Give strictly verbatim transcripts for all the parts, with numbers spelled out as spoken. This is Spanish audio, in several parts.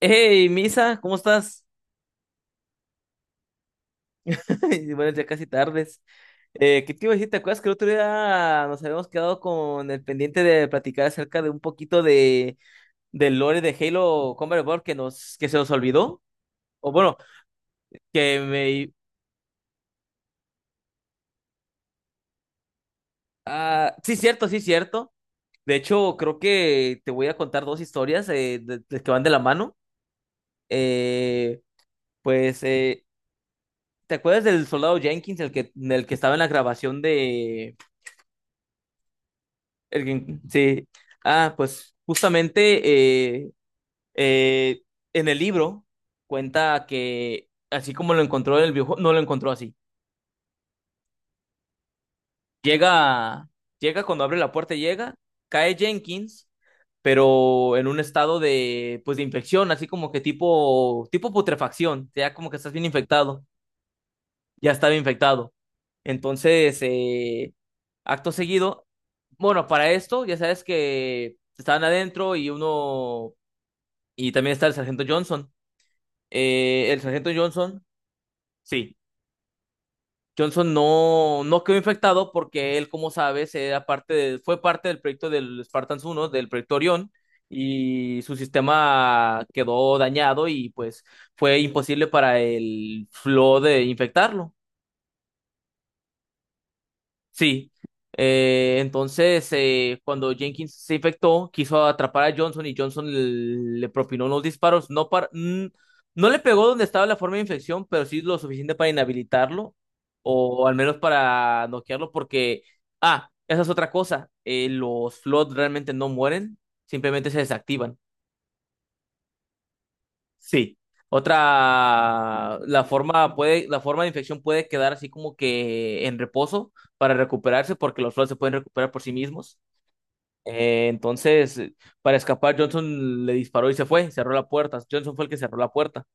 Hey, Misa, ¿cómo estás? Y buenas ya casi tardes. Eh, ¿qué te iba a decir? ¿Te acuerdas que el otro día nos habíamos quedado con el pendiente de platicar acerca de un poquito de del lore de Halo Combat Evolved que nos que se nos olvidó? O bueno, que me ah, sí cierto, sí cierto. De hecho, creo que te voy a contar dos historias eh, de- de- que van de la mano. Eh, pues, eh, ¿te acuerdas del soldado Jenkins, el que el que estaba en la grabación de El Gin- sí? Ah, pues justamente eh, eh, en el libro cuenta que así como lo encontró en el videojuego, no lo encontró así. Llega, llega cuando abre la puerta, llega, cae Jenkins, pero en un estado de, pues, de infección, así como que tipo, tipo putrefacción, ya como que estás bien infectado, ya estaba infectado. Entonces, eh, acto seguido, bueno, para esto, ya sabes que estaban adentro y uno Y también está el sargento Johnson. Eh, el sargento Johnson, sí, Johnson no, no quedó infectado porque él, como sabes, era parte de- fue parte del proyecto del Spartans uno, del proyecto Orión, y su sistema quedó dañado y pues fue imposible para el Flow de infectarlo. Sí. Eh, entonces, eh, cuando Jenkins se infectó, quiso atrapar a Johnson, y Johnson le, le propinó unos disparos. No, para, mm, no le pegó donde estaba la forma de infección, pero sí lo suficiente para inhabilitarlo o al menos para noquearlo, porque, ah, esa es otra cosa. Eh, los Flood realmente no mueren, simplemente se desactivan. Sí. Otra, la forma puede, la forma de infección puede quedar así como que en reposo para recuperarse, porque los flores se pueden recuperar por sí mismos. Eh, entonces, eh, para escapar, Johnson le disparó y se fue, cerró la puerta. Johnson fue el que cerró la puerta.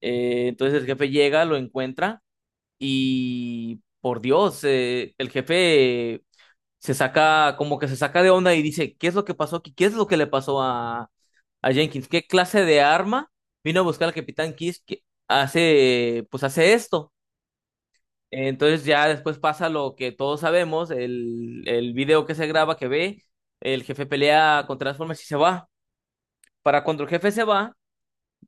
Eh, entonces el jefe llega, lo encuentra y, por Dios, eh, el jefe se saca, como que se saca de onda, y dice: ¿qué es lo que pasó aquí? ¿Qué es lo que le pasó a, a Jenkins? ¿Qué clase de arma vino a buscar al Capitán Kiss que hace, pues hace esto? Entonces ya después pasa lo que todos sabemos: el, el video que se graba, que ve, el jefe pelea con Transformers y se va. Para cuando el jefe se va,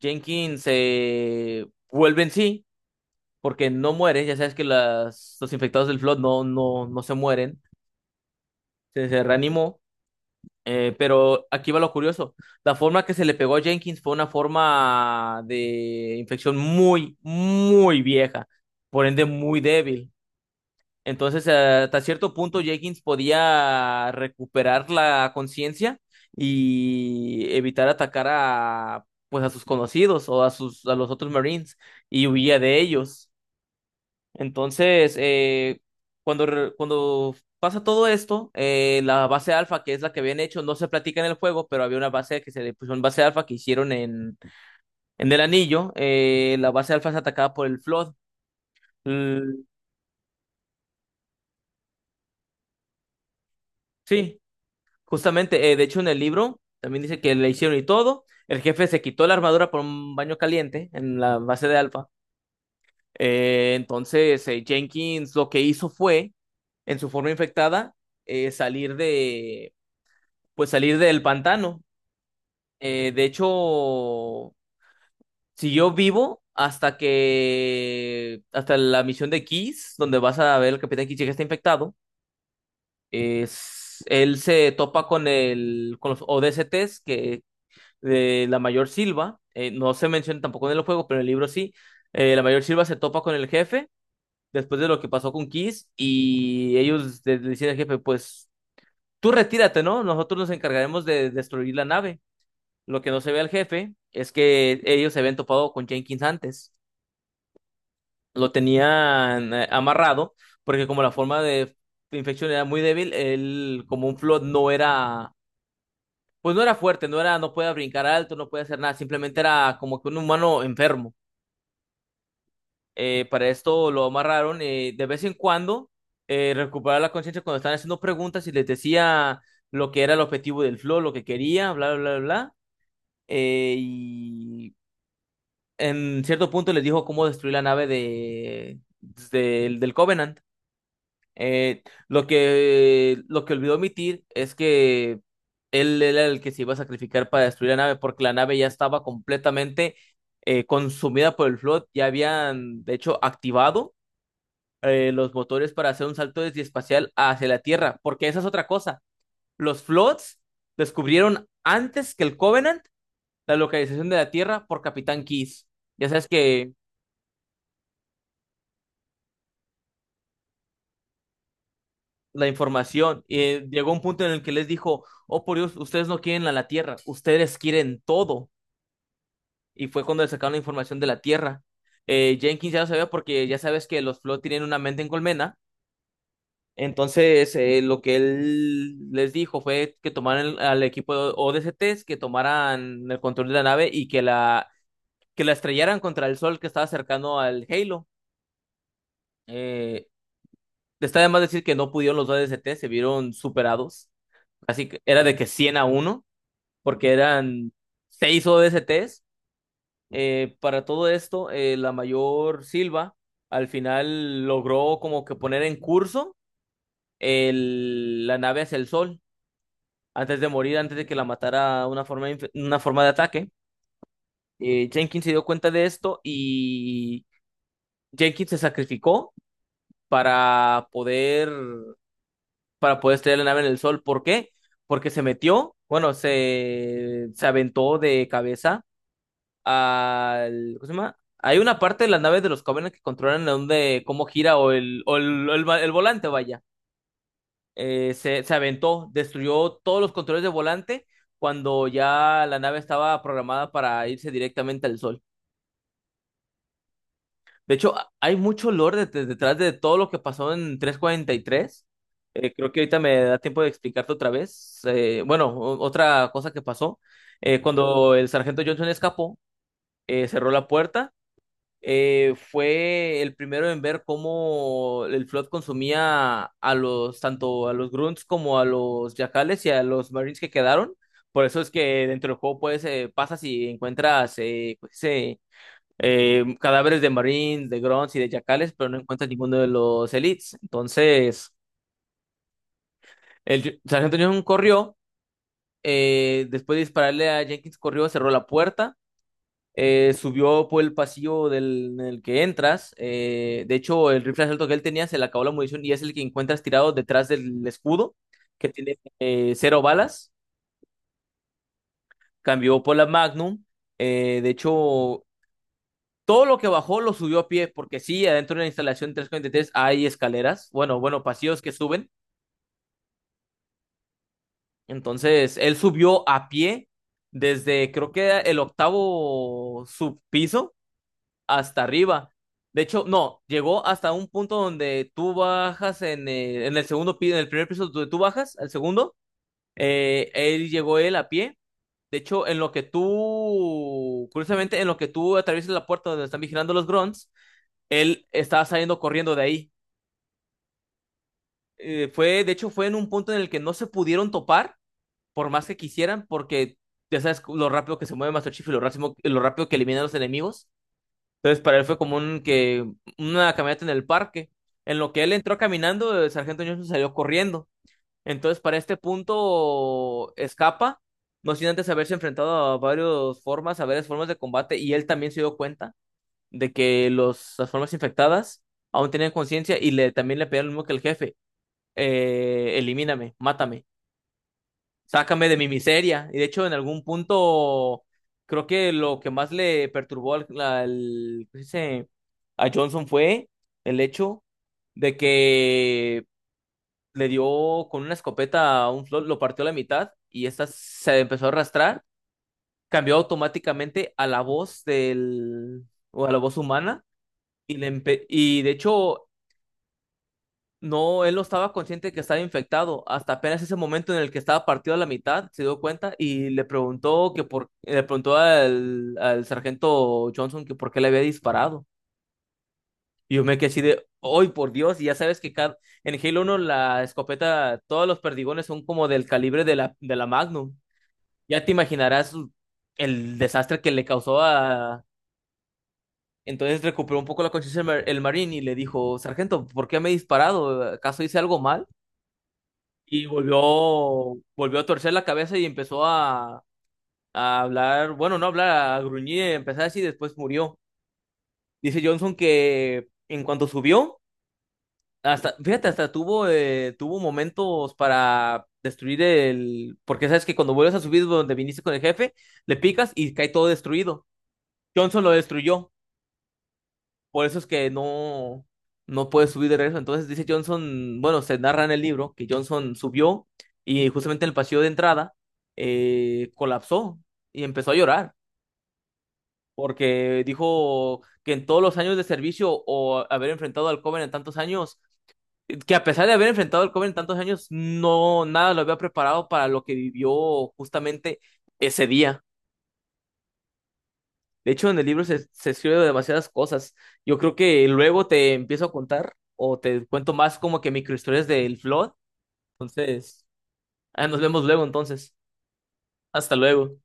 Jenkins se vuelve en sí, porque no muere, ya sabes que las, los infectados del Flood no, no, no se mueren, se se reanimó. Eh, pero aquí va lo curioso. La forma que se le pegó a Jenkins fue una forma de infección muy, muy vieja, por ende muy débil. Entonces, eh, hasta cierto punto, Jenkins podía recuperar la conciencia y evitar atacar a, pues, a sus conocidos o a sus, a los otros Marines, y huía de ellos. Entonces, eh, cuando, re- cuando pasa todo esto, eh, la base alfa, que es la que habían hecho, no se platica en el juego, pero había una base que se le puso una base alfa que hicieron en, en el anillo. Eh, la base alfa es atacada por el Flood. L- sí, justamente. Eh, de hecho, en el libro también dice que le hicieron y todo. El jefe se quitó la armadura por un baño caliente en la base de alfa. Eh, entonces, eh, Jenkins lo que hizo fue, en su forma infectada, eh, salir de pues salir del pantano. Eh, de hecho, siguió vivo hasta que, hasta la misión de Kiss, donde vas a ver al Capitán Kiss, que está infectado. Es, él se topa con el, con los O D S Ts que de la mayor Silva. Eh, no se menciona tampoco en el juego, pero en el libro sí. Eh, la mayor Silva se topa con el jefe después de lo que pasó con Kiss, y ellos le le dicen al jefe: pues tú retírate, ¿no? Nosotros nos encargaremos de destruir la nave. Lo que no se ve al jefe es que ellos se habían topado con Jenkins antes. Lo tenían eh, amarrado, porque como la forma de infección era muy débil, él como un flood no era, pues no era fuerte, no era, no podía brincar alto, no podía hacer nada, simplemente era como que un humano enfermo. Eh, para esto lo amarraron, eh, de vez en cuando eh, recuperaba la conciencia cuando estaban haciendo preguntas y les decía lo que era el objetivo del flow, lo que quería, bla, bla, bla, bla. Eh, y en cierto punto les dijo cómo destruir la nave de, pues, del del Covenant. Eh, lo que, lo que olvidó omitir es que él era el que se iba a sacrificar para destruir la nave, porque la nave ya estaba completamente eh, consumida por el Flood. Ya habían, de hecho, activado eh, los motores para hacer un salto desde espacial hacia la Tierra, porque esa es otra cosa. Los Floods descubrieron antes que el Covenant la localización de la Tierra por Capitán Keyes. Ya sabes que la información. Y llegó un punto en el que les dijo: oh por Dios, ustedes no quieren a la Tierra, ustedes quieren todo. Y fue cuando le sacaron la información de la Tierra. Eh, Jenkins ya lo sabía porque ya sabes que los Flow tienen una mente en colmena. Entonces, eh, lo que él les dijo fue que tomaran el- al equipo de O D S Ts, que tomaran el control de la nave y que la, que la estrellaran contra el sol que estaba cercano al Halo. Eh, está además decir que no pudieron los O D S Ts, se vieron superados. Así que era de que cien a uno, porque eran seis o ODSTs. Eh, para todo esto, eh, la mayor Silva al final logró como que poner en curso el- la nave hacia el sol antes de morir, antes de que la matara una forma, inf- una forma de ataque. Eh, Jenkins se dio cuenta de esto, y Jenkins se sacrificó para poder, para poder estrellar la nave en el sol. ¿Por qué? Porque se metió, bueno, se, se aventó de cabeza al, ¿cómo se llama? Hay una parte de las naves de los Covenant que controlan dónde, cómo gira o el, o el, el va- el volante, vaya. Eh, se, se aventó, destruyó todos los controles de volante cuando ya la nave estaba programada para irse directamente al sol. De hecho, a- hay mucho lore det- detrás de todo lo que pasó en trescientos cuarenta y tres. Eh, creo que ahorita me da tiempo de explicarte otra vez. Eh, bueno, o- otra cosa que pasó. Eh, cuando el sargento Johnson escapó, eh, cerró la puerta, eh, fue el primero en ver cómo el Flood consumía a los, tanto a los Grunts como a los Yacales y a los Marines que quedaron. Por eso es que dentro del juego puedes, eh, pasas y encuentras eh, pues, eh, eh, cadáveres de Marines, de Grunts y de Yacales, pero no encuentras ninguno de los Elites. Entonces, el Sargento Johnson corrió, eh, después de dispararle a Jenkins, corrió, cerró la puerta, eh, subió por el pasillo del, en el que entras. Eh, de hecho, el rifle alto que él tenía se le acabó la munición, y es el que encuentras tirado detrás del escudo, que tiene eh, cero balas. Cambió por la Magnum. Eh, de hecho, todo lo que bajó lo subió a pie, porque sí, adentro de la instalación trescientos cuarenta y tres hay escaleras, bueno, bueno, pasillos que suben. Entonces, él subió a pie desde creo que era el octavo subpiso hasta arriba. De hecho, no, llegó hasta un punto donde tú bajas en el, en el segundo piso, en el primer piso donde tú bajas, al segundo, eh, él llegó él a pie. De hecho, en lo que tú, curiosamente, en lo que tú atraviesas la puerta donde están vigilando los grunts, él estaba saliendo corriendo de ahí. Eh, fue, de hecho, fue en un punto en el que no se pudieron topar, por más que quisieran, porque ya sabes lo rápido que se mueve Master Chief y lo rápido, lo rápido que elimina a los enemigos. Entonces, para él fue como un que una caminata en el parque. En lo que él entró caminando, el sargento Johnson salió corriendo. Entonces, para este punto, escapa, no sin antes haberse enfrentado a varias formas, a varias formas de combate, y él también se dio cuenta de que los, las formas infectadas aún tenían conciencia y le, también le pedían lo mismo que el jefe: eh, elimíname, mátame, sácame de mi miseria. Y de hecho, en algún punto, creo que lo que más le perturbó al, al- ¿qué se dice? A Johnson fue el hecho de que le dio con una escopeta a un flot, lo partió a la mitad, y esta se empezó a arrastrar. Cambió automáticamente a la voz del, o a la voz humana. Y, le empe- y de hecho, no, él no estaba consciente que estaba infectado. Hasta apenas ese momento en el que estaba partido a la mitad, se dio cuenta y le preguntó que por, le preguntó al, al sargento Johnson que por qué le había disparado. Y yo me quedé así de: ¡ay, por Dios! Y ya sabes que cada, en Halo uno la escopeta, todos los perdigones son como del calibre de la, de la Magnum. Ya te imaginarás el desastre que le causó a... Entonces recuperó un poco la conciencia el, mar- el marín y le dijo: sargento, ¿por qué me he disparado? ¿Acaso hice algo mal? Y volvió, volvió a torcer la cabeza y empezó a, a hablar, bueno, no hablar, a gruñir, empezar así, y después murió. Dice Johnson que en cuanto subió, hasta, fíjate, hasta tuvo, eh, tuvo momentos para destruir el, porque sabes que cuando vuelves a subir donde viniste con el jefe, le picas y cae todo destruido. Johnson lo destruyó. Por eso es que no, no puede subir de regreso. Entonces dice Johnson, bueno, se narra en el libro que Johnson subió, y justamente en el pasillo de entrada eh, colapsó y empezó a llorar, porque dijo que en todos los años de servicio o haber enfrentado al Coven en tantos años, que a pesar de haber enfrentado al Coven en tantos años, no nada lo había preparado para lo que vivió justamente ese día. De hecho, en el libro se, se escribe demasiadas cosas. Yo creo que luego te empiezo a contar, o te cuento más como que microhistorias del Flood. Entonces, ah, nos vemos luego entonces. Hasta luego.